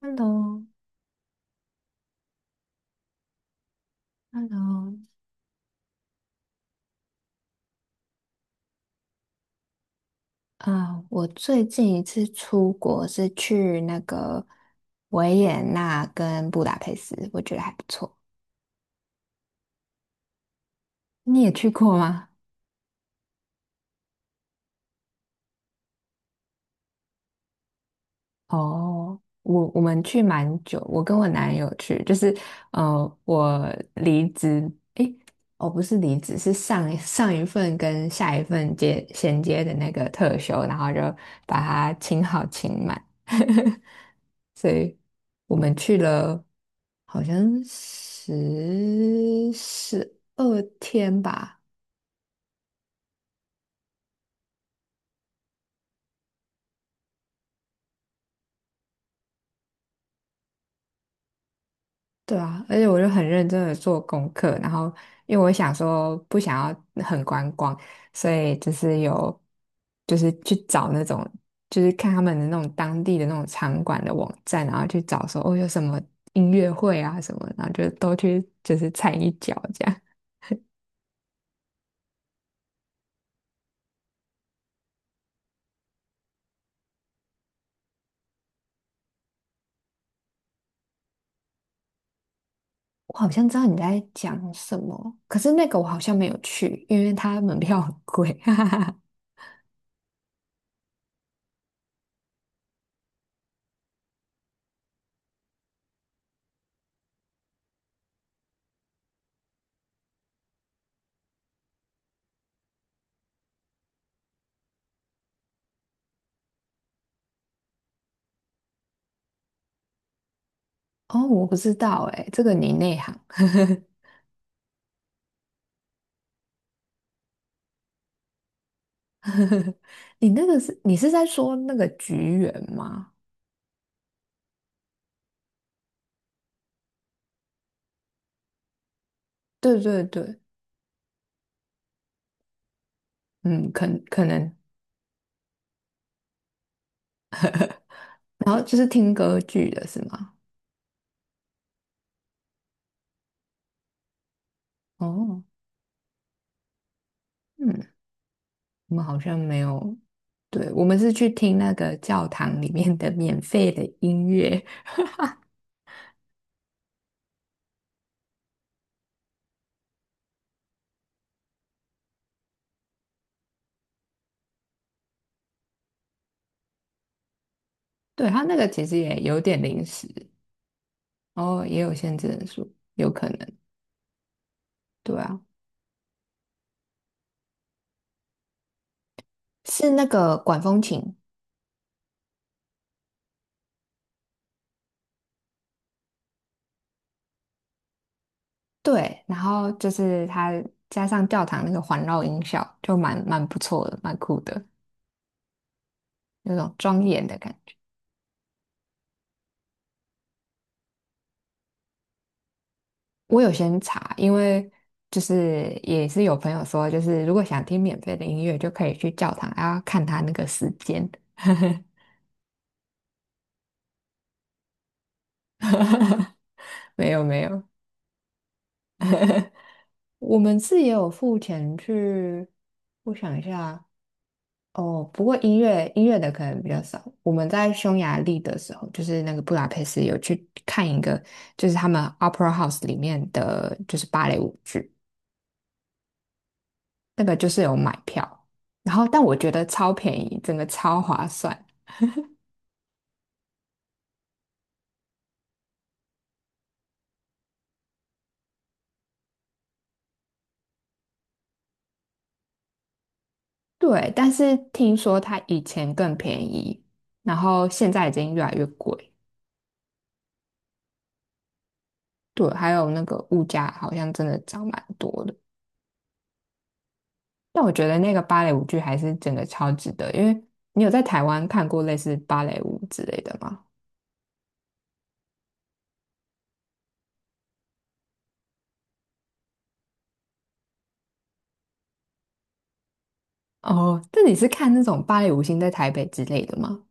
Hello，Hello，啊，我最近一次出国是去那个维也纳跟布达佩斯，我觉得还不错。你也去过吗？哦，我们去蛮久，我跟我男友去，就是我离职，诶，哦，不是离职，是上上一份跟下一份接衔接的那个特休，然后就把它请好请满。所以我们去了好像十二天吧，对啊，而且我就很认真的做功课，然后因为我想说不想要很观光，所以就是有就是去找那种就是看他们的那种当地的那种场馆的网站，然后去找说哦有什么音乐会啊什么，然后就都去就是踩一脚这样。我好像知道你在讲什么，可是那个我好像没有去，因为它门票很贵。哈哈哈。哦，我不知道哎，这个你内行。你那个是你是在说那个菊园吗？对对对，嗯，可能，然后就是听歌剧的是吗？哦，嗯，我们好像没有，对，我们是去听那个教堂里面的免费的音乐。对，它那个其实也有点临时，哦，也有限制人数，有可能。对啊。是那个管风琴，对，然后就是它加上教堂那个环绕音效，就蛮不错的，蛮酷的，那种庄严的感觉。我有先查，因为就是也是有朋友说，就是如果想听免费的音乐，就可以去教堂，然后看他那个时间。没有没有，我们是也有付钱去，我想一下，哦，不过音乐的可能比较少。我们在匈牙利的时候，就是那个布达佩斯有去看一个，就是他们 Opera House 里面的就是芭蕾舞剧，那个就是有买票，然后但我觉得超便宜，整个超划算。对，但是听说它以前更便宜，然后现在已经越来越贵。对，还有那个物价好像真的涨蛮多的。但我觉得那个芭蕾舞剧还是真的超值得，因为你有在台湾看过类似芭蕾舞之类的吗？哦，那你是看那种芭蕾舞星在台北之类的吗？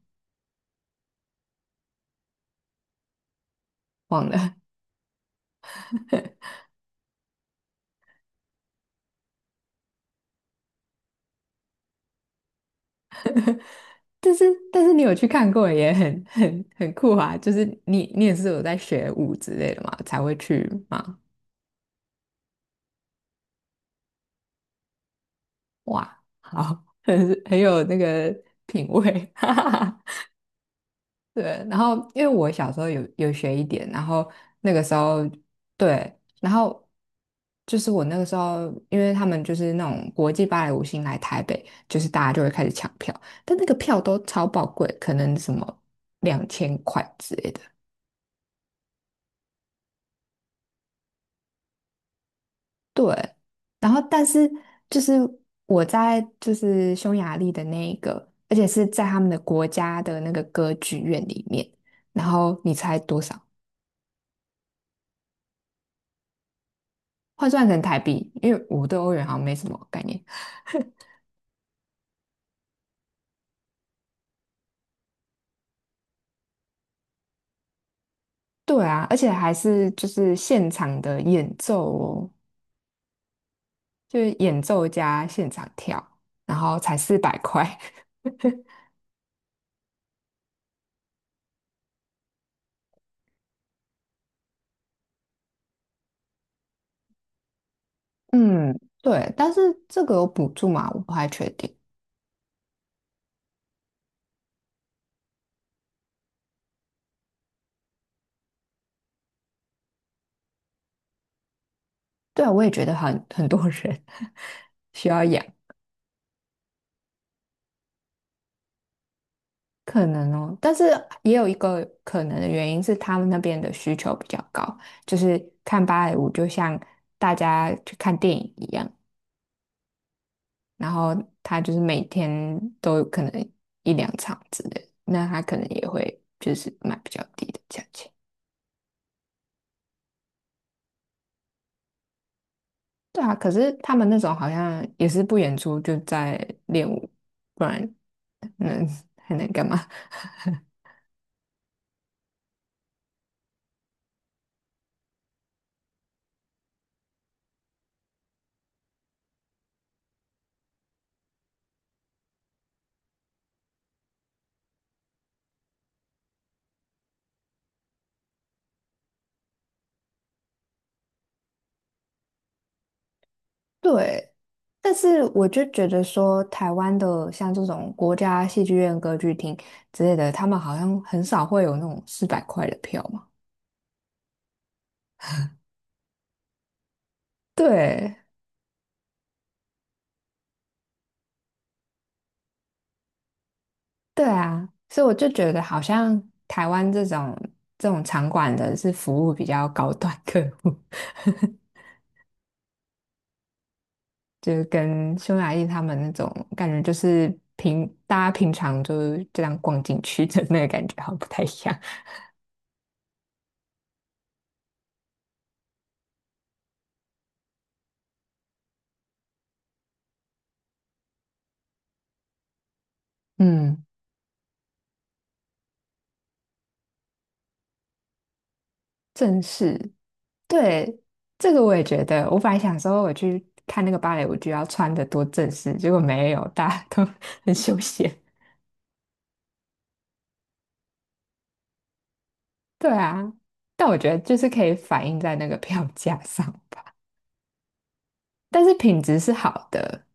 忘了，但是但是你有去看过，也很酷啊！就是你你也是有在学舞之类的嘛，才会去嘛？哇，好，很有那个品味，对，然后因为我小时候有学一点，然后那个时候对，然后就是我那个时候，因为他们就是那种国际芭蕾舞星来台北，就是大家就会开始抢票，但那个票都超宝贵，可能什么2000块之类的。对，然后但是就是我在就是匈牙利的那一个，而且是在他们的国家的那个歌剧院里面，然后你猜多少？换算成台币，因为我对欧元好像没什么概念。对啊，而且还是就是现场的演奏哦，就是演奏加现场跳，然后才四百块。嗯，对，但是这个有补助吗？我不太确定。对啊，我也觉得很很多人 需要养，可能哦。但是也有一个可能的原因是他们那边的需求比较高，就是看芭蕾舞就像大家去看电影一样，然后他就是每天都可能一两场之类的，那他可能也会就是卖比较低的价钱。对啊，可是他们那种好像也是不演出就在练舞，不然能还能干嘛？对，但是我就觉得说，台湾的像这种国家戏剧院、歌剧厅之类的，他们好像很少会有那种四百块的票嘛。对，对啊，所以我就觉得好像台湾这种这种场馆的是服务比较高端客户，就是跟匈牙利他们那种感觉，就是大家平常就是这样逛进去的那个感觉好像不太一样。嗯，正式对，这个我也觉得，我本来想说我去看那个芭蕾舞剧要穿的多正式，结果没有，大家都 很休闲。对啊，但我觉得就是可以反映在那个票价上。但是品质是好的。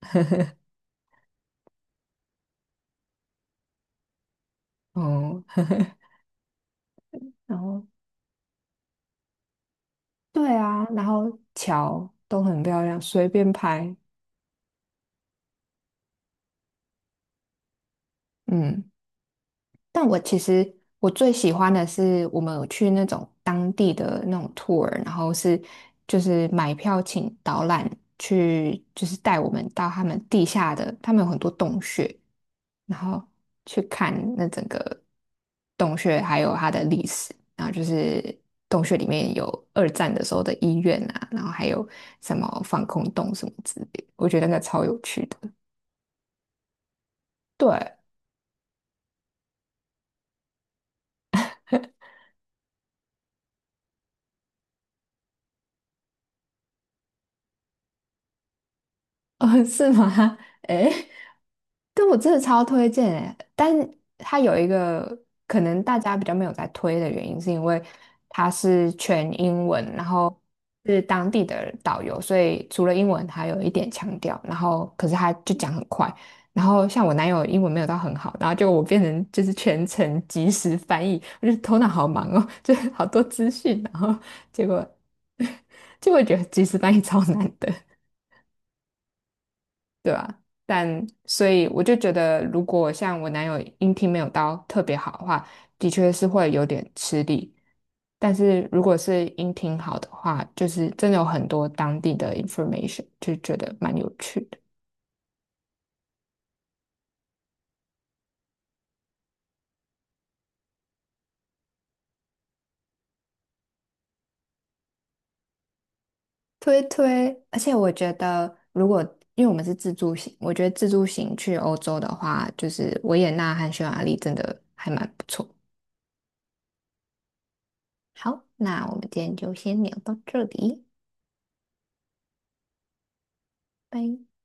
哦，然后对啊，然后桥都很漂亮，随便拍。嗯，但我其实我最喜欢的是我们有去那种当地的那种 tour，然后是就是买票请导览去，就是带我们到他们地下的，他们有很多洞穴，然后去看那整个洞穴还有它的历史，然后就是洞穴里面有二战的时候的医院啊，然后还有什么防空洞什么之类的，我觉得那超有趣的。对，哦，是吗？诶，但我真的超推荐诶，但它有一个可能大家比较没有在推的原因，是因为它是全英文，然后是当地的导游，所以除了英文还有一点强调，然后可是他就讲很快，然后像我男友英文没有到很好，然后就我变成就是全程即时翻译，我就头脑好忙哦，就是好多资讯，然后结果 就会觉得即时翻译超难的。对啊，但所以我就觉得，如果像我男友音听没有到特别好的话，的确是会有点吃力。但是如果是音听好的话，就是真的有很多当地的 information，就觉得蛮有趣的。推推，而且我觉得，如果因为我们是自助行，我觉得自助行去欧洲的话，就是维也纳和匈牙利真的还蛮不错。好，那我们今天就先聊到这里，拜。